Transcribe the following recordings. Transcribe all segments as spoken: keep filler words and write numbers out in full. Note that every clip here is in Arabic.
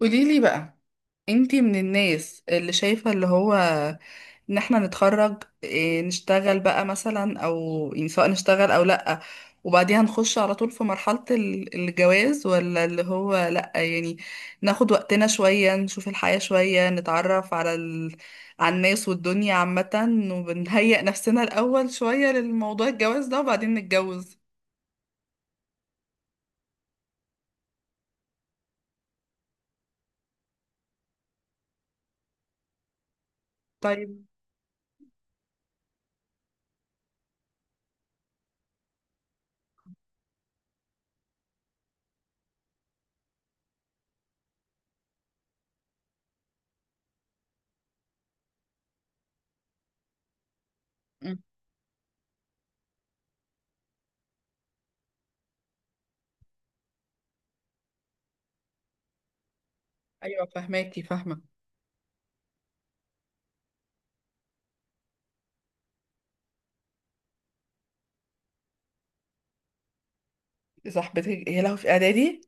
قوليلي بقى، انتي من الناس اللي شايفة اللي هو ان احنا نتخرج إيه، نشتغل بقى مثلا او يعني سواء نشتغل او لأ وبعديها نخش على طول في مرحلة ال- الجواز، ولا اللي هو لأ يعني ناخد وقتنا شوية، نشوف الحياة شوية، نتعرف على ال... على الناس والدنيا عامة، وبنهيئ نفسنا الأول شوية للموضوع الجواز ده وبعدين نتجوز؟ طيب. مم. أيوة فهماكي، فاهمة. صاحبتك هي لها في إعدادي؟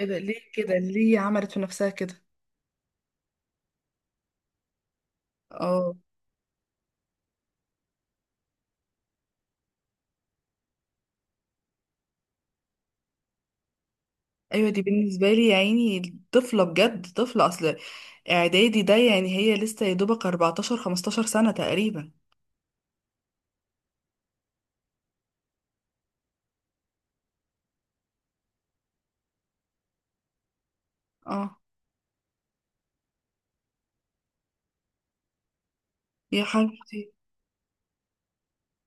ايه ده، ليه كده؟ ليه عملت في نفسها كده؟ اه. ايوه، دي بالنسبه لي يا عيني طفله، بجد طفله. اصل اعدادي ده يعني هي لسه يا دوبك اربعتاشر خمسة عشر سنه تقريبا. اه يا حبيبتي،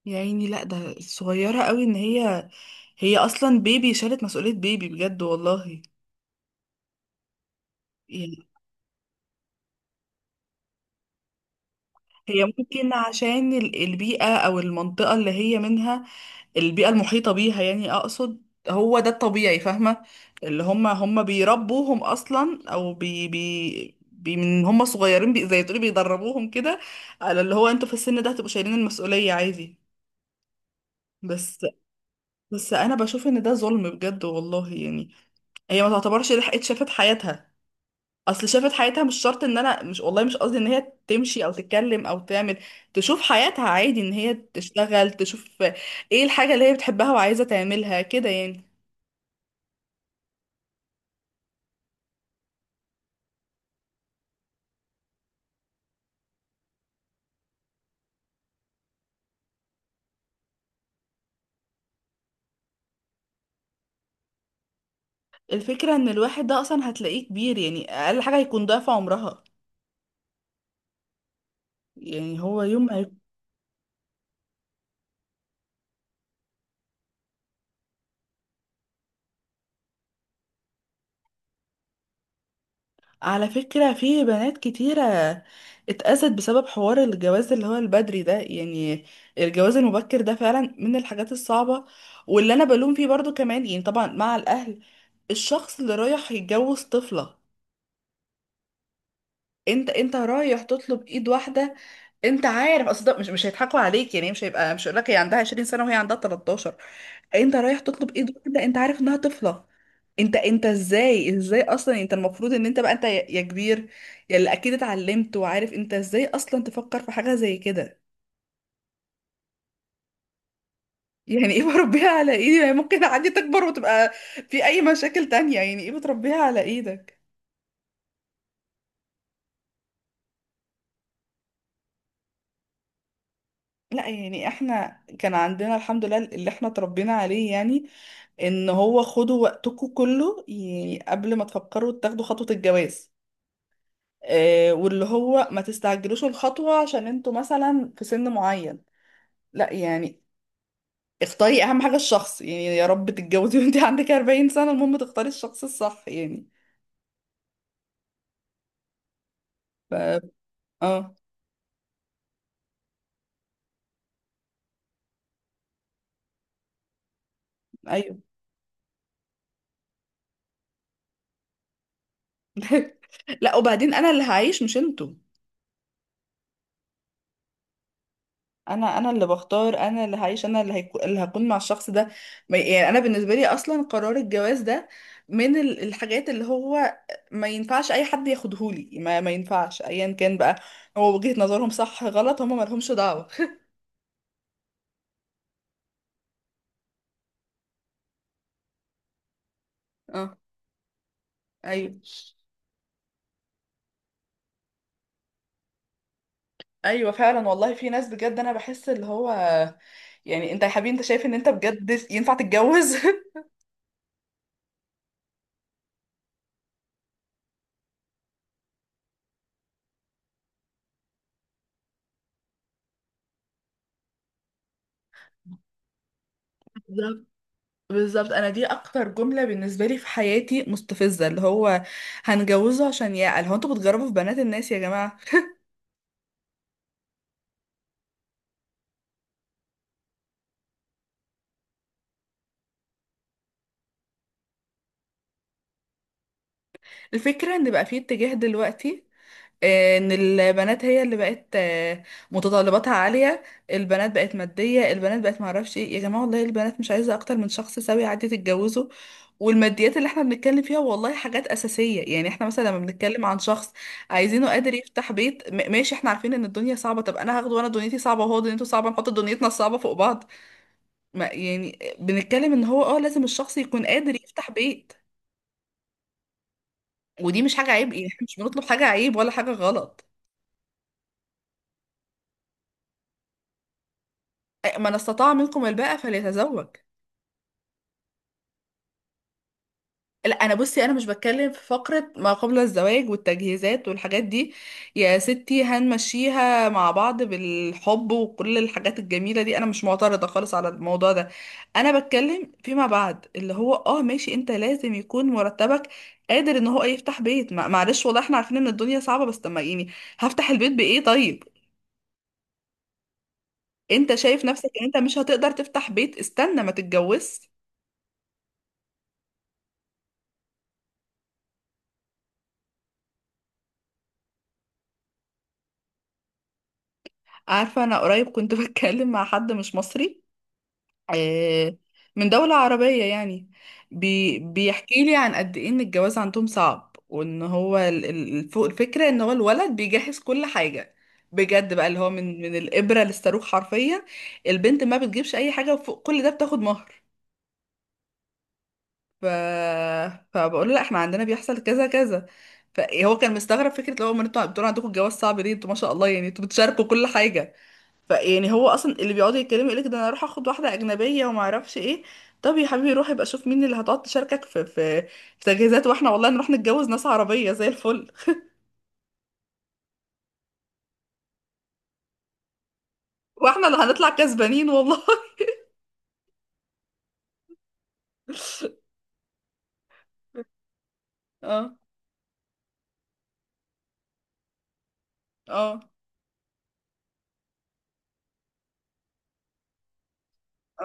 يا عيني، لا ده صغيره قوي. ان هي، هي اصلا بيبي، شالت مسؤوليه بيبي بجد والله يعني. هي ممكن عشان ال- البيئه او المنطقه اللي هي منها، البيئة المحيطة بيها يعني أقصد، هو ده الطبيعي، فاهمة. اللي هم هم بيربوهم أصلا، أو بي بي بي من هم صغيرين، بي زي تقولي بيدربوهم كده على اللي هو انتوا في السن ده هتبقوا شايلين المسؤولية عادي. بس بس أنا بشوف إن ده ظلم بجد والله يعني. هي ما تعتبرش لحقت شافت حياتها. أصل شافت حياتها مش شرط إن، أنا مش، والله مش قصدي إن هي تمشي أو تتكلم أو تعمل، تشوف حياتها عادي، إن هي تشتغل، تشوف إيه الحاجة اللي هي بتحبها وعايزة تعملها كده يعني. الفكرة ان الواحد ده اصلا هتلاقيه كبير، يعني اقل حاجة هيكون ضعف عمرها. يعني هو يوم ما يك- على فكرة في بنات كتيرة اتأذت بسبب حوار الجواز اللي هو البدري ده يعني، الجواز المبكر ده فعلا من الحاجات الصعبة. واللي انا بلوم فيه برضو كمان يعني، طبعا مع الاهل، الشخص اللي رايح يتجوز طفلة. انت انت رايح تطلب ايد واحده، انت عارف اصل ده، مش مش هيضحكوا عليك يعني، مش هيبقى مش هيقول لك هي عندها عشرين سنة سنه وهي عندها تلتاشر. انت رايح تطلب ايد واحده، انت عارف انها طفله. انت انت ازاي ازاي اصلا، انت المفروض ان انت بقى، انت يا يا كبير، يا اللي اكيد اتعلمت وعارف، انت ازاي اصلا تفكر في حاجه زي كده؟ يعني ايه بربيها على ايدي؟ يعني ممكن عادي تكبر وتبقى في اي مشاكل تانية، يعني ايه بتربيها على ايدك؟ لا يعني احنا كان عندنا الحمد لله اللي احنا اتربينا عليه، يعني ان هو خدوا وقتكم كله يعني قبل ما تفكروا تاخدوا خطوة الجواز. آه، واللي هو ما تستعجلوش الخطوة عشان انتوا مثلا في سن معين، لا يعني، اختاري اهم حاجة الشخص، يعني يا رب تتجوزي وانت عندك 40 سنة، المهم تختاري الشخص الصح يعني. ف اه. ايوه. لا وبعدين انا اللي هعيش مش انتوا. انا انا اللي بختار، انا اللي هعيش، انا اللي, هيكو اللي هكون مع الشخص ده. ما- يعني انا بالنسبه لي اصلا قرار الجواز ده من ال- الحاجات اللي هو ما ينفعش اي حد ياخدهولي، ما, ما ينفعش ايا كان بقى، هو وجهة نظرهم صح غلط هم ما لهمش دعوه. اه. ايوه. ايوه فعلا والله، في ناس بجد انا بحس اللي هو، يعني انت يا حبيبي انت شايف ان انت بجد ينفع تتجوز؟ بالظبط. انا دي اكتر جمله بالنسبه لي في حياتي مستفزه، اللي هو هنجوزه عشان يعقل. هو انتوا بتجربوا في بنات الناس يا جماعه؟ الفكره ان بقى في اتجاه دلوقتي آه، ان البنات هي اللي بقت آه، متطلباتها عالية، البنات بقت مادية، البنات بقت معرفش ايه. يا جماعة والله البنات مش عايزة اكتر من شخص سوي عادي تتجوزه. والماديات اللي احنا بنتكلم فيها والله حاجات أساسية. يعني احنا مثلا لما بنتكلم عن شخص عايزينه قادر يفتح بيت، م- ماشي احنا عارفين ان الدنيا صعبة، طب انا هاخده وانا دنيتي صعبة وهو دنيته صعبة، نحط دنيتنا الصعبة فوق بعض. ما يعني بنتكلم ان هو اه لازم الشخص يكون قادر يفتح بيت. ودي مش حاجة عيب، يعني احنا مش بنطلب حاجة عيب ولا حاجة غلط. من استطاع منكم الباءة فليتزوج. لا انا بصي، انا مش بتكلم في فقرة ما قبل الزواج والتجهيزات والحاجات دي، يا ستي هنمشيها مع بعض بالحب وكل الحاجات الجميلة دي، انا مش معترضة خالص على الموضوع ده. انا بتكلم فيما بعد، اللي هو اه ماشي انت لازم يكون مرتبك قادر ان هو يفتح بيت. ما- معلش والله احنا عارفين ان الدنيا صعبة، بس طب ما يعني، هفتح البيت بايه طيب؟ انت شايف نفسك ان انت مش هتقدر تفتح بيت، استنى ما تتجوزش. عارفة أنا قريب كنت بتكلم مع حد مش مصري، آه، من دولة عربية يعني، بي بيحكي لي عن قد إيه إن الجواز عندهم صعب، وإن هو ال- ال- الف- الفكرة إن هو الولد بيجهز كل حاجة بجد بقى، اللي هو من من الإبرة للصاروخ حرفيا. البنت ما بتجيبش أي حاجة، وفوق كل ده بتاخد مهر. ف... فبقول له لا احنا عندنا بيحصل كذا كذا، فهو كان مستغرب. فكرة اللي هو، ما انتوا بتقولوا عندكم الجواز صعب ليه، انتوا ما شاء الله يعني انتوا بتشاركوا كل حاجة. فيعني هو اصلا اللي بيقعدوا يتكلموا يقولك ده، انا اروح اخد واحده اجنبيه وما اعرفش ايه، طب يا حبيبي روح يبقى شوف مين اللي هتقعد تشاركك في في في تجهيزات، واحنا والله نروح نتجوز ناس عربيه زي الفل. واحنا اللي هنطلع كسبانين والله. اه، اه، اه.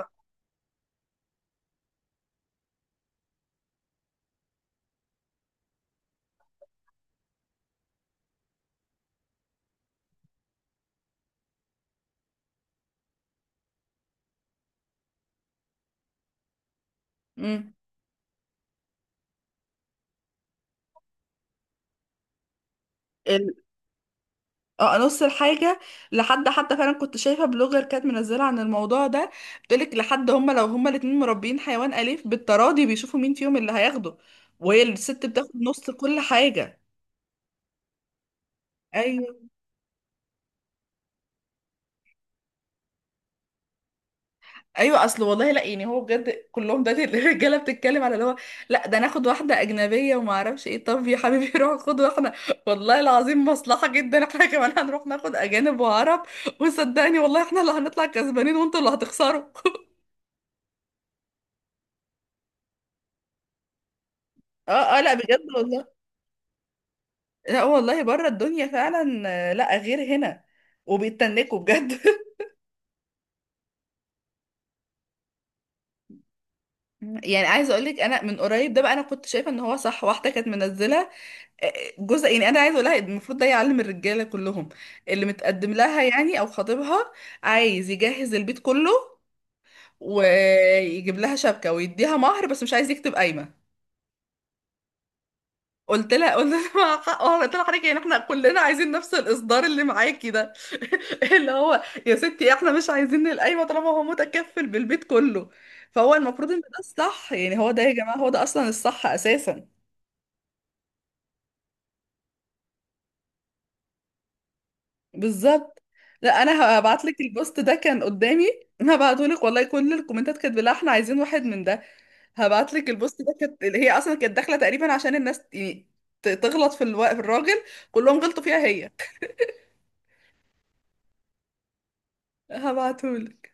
امم ال... اه، نص الحاجة. لحد حتى فعلا كنت شايفة بلوجر كانت منزلة عن الموضوع ده، بتقولك لحد هما لو هما الاتنين مربيين حيوان أليف، بالتراضي بيشوفوا مين فيهم اللي هياخده، وهي الست بتاخد نص كل حاجة. ايوه. ايوه اصل والله، لا يعني هو بجد كلهم ده الرجاله بتتكلم على اللي هو، لا ده ناخد واحده اجنبيه وما اعرفش ايه. طب يا حبيبي روح خد واحده، والله العظيم مصلحه جدا احنا كمان هنروح ناخد اجانب وعرب، وصدقني والله احنا اللي هنطلع كسبانين وانتوا اللي هتخسروا. اه، اه، لا بجد والله. لا والله بره الدنيا فعلا آه، لا غير هنا، وبيتنكوا بجد. يعني عايزه اقول لك انا، من قريب ده بقى انا كنت شايفه ان هو صح، واحده كانت منزله جزء، يعني انا عايزه اقولها إن المفروض ده يعلم الرجاله كلهم، اللي متقدم لها يعني او خطيبها، عايز يجهز البيت كله ويجيب لها شبكه ويديها مهر بس مش عايز يكتب قايمه. قلت لها قلت لها مع حق- آه، قلت لها حضرتك يعني احنا كلنا عايزين نفس الاصدار اللي معاكي ده. اللي هو يا ستي احنا مش عايزين القايمه طالما هو متكفل بالبيت كله. فهو المفروض ان ده الصح، يعني هو ده يا جماعه، هو ده اصلا الصح اساسا. بالظبط. لا انا هبعت لك البوست ده كان قدامي، هبعته لك والله، كل الكومنتات كانت بالله احنا عايزين واحد من ده. هبعت لك البوست ده كانت اللي هي اصلا كانت داخله تقريبا عشان الناس يعني ت- تغلط في الو... في الراجل، كلهم غلطوا فيها هي. هبعته.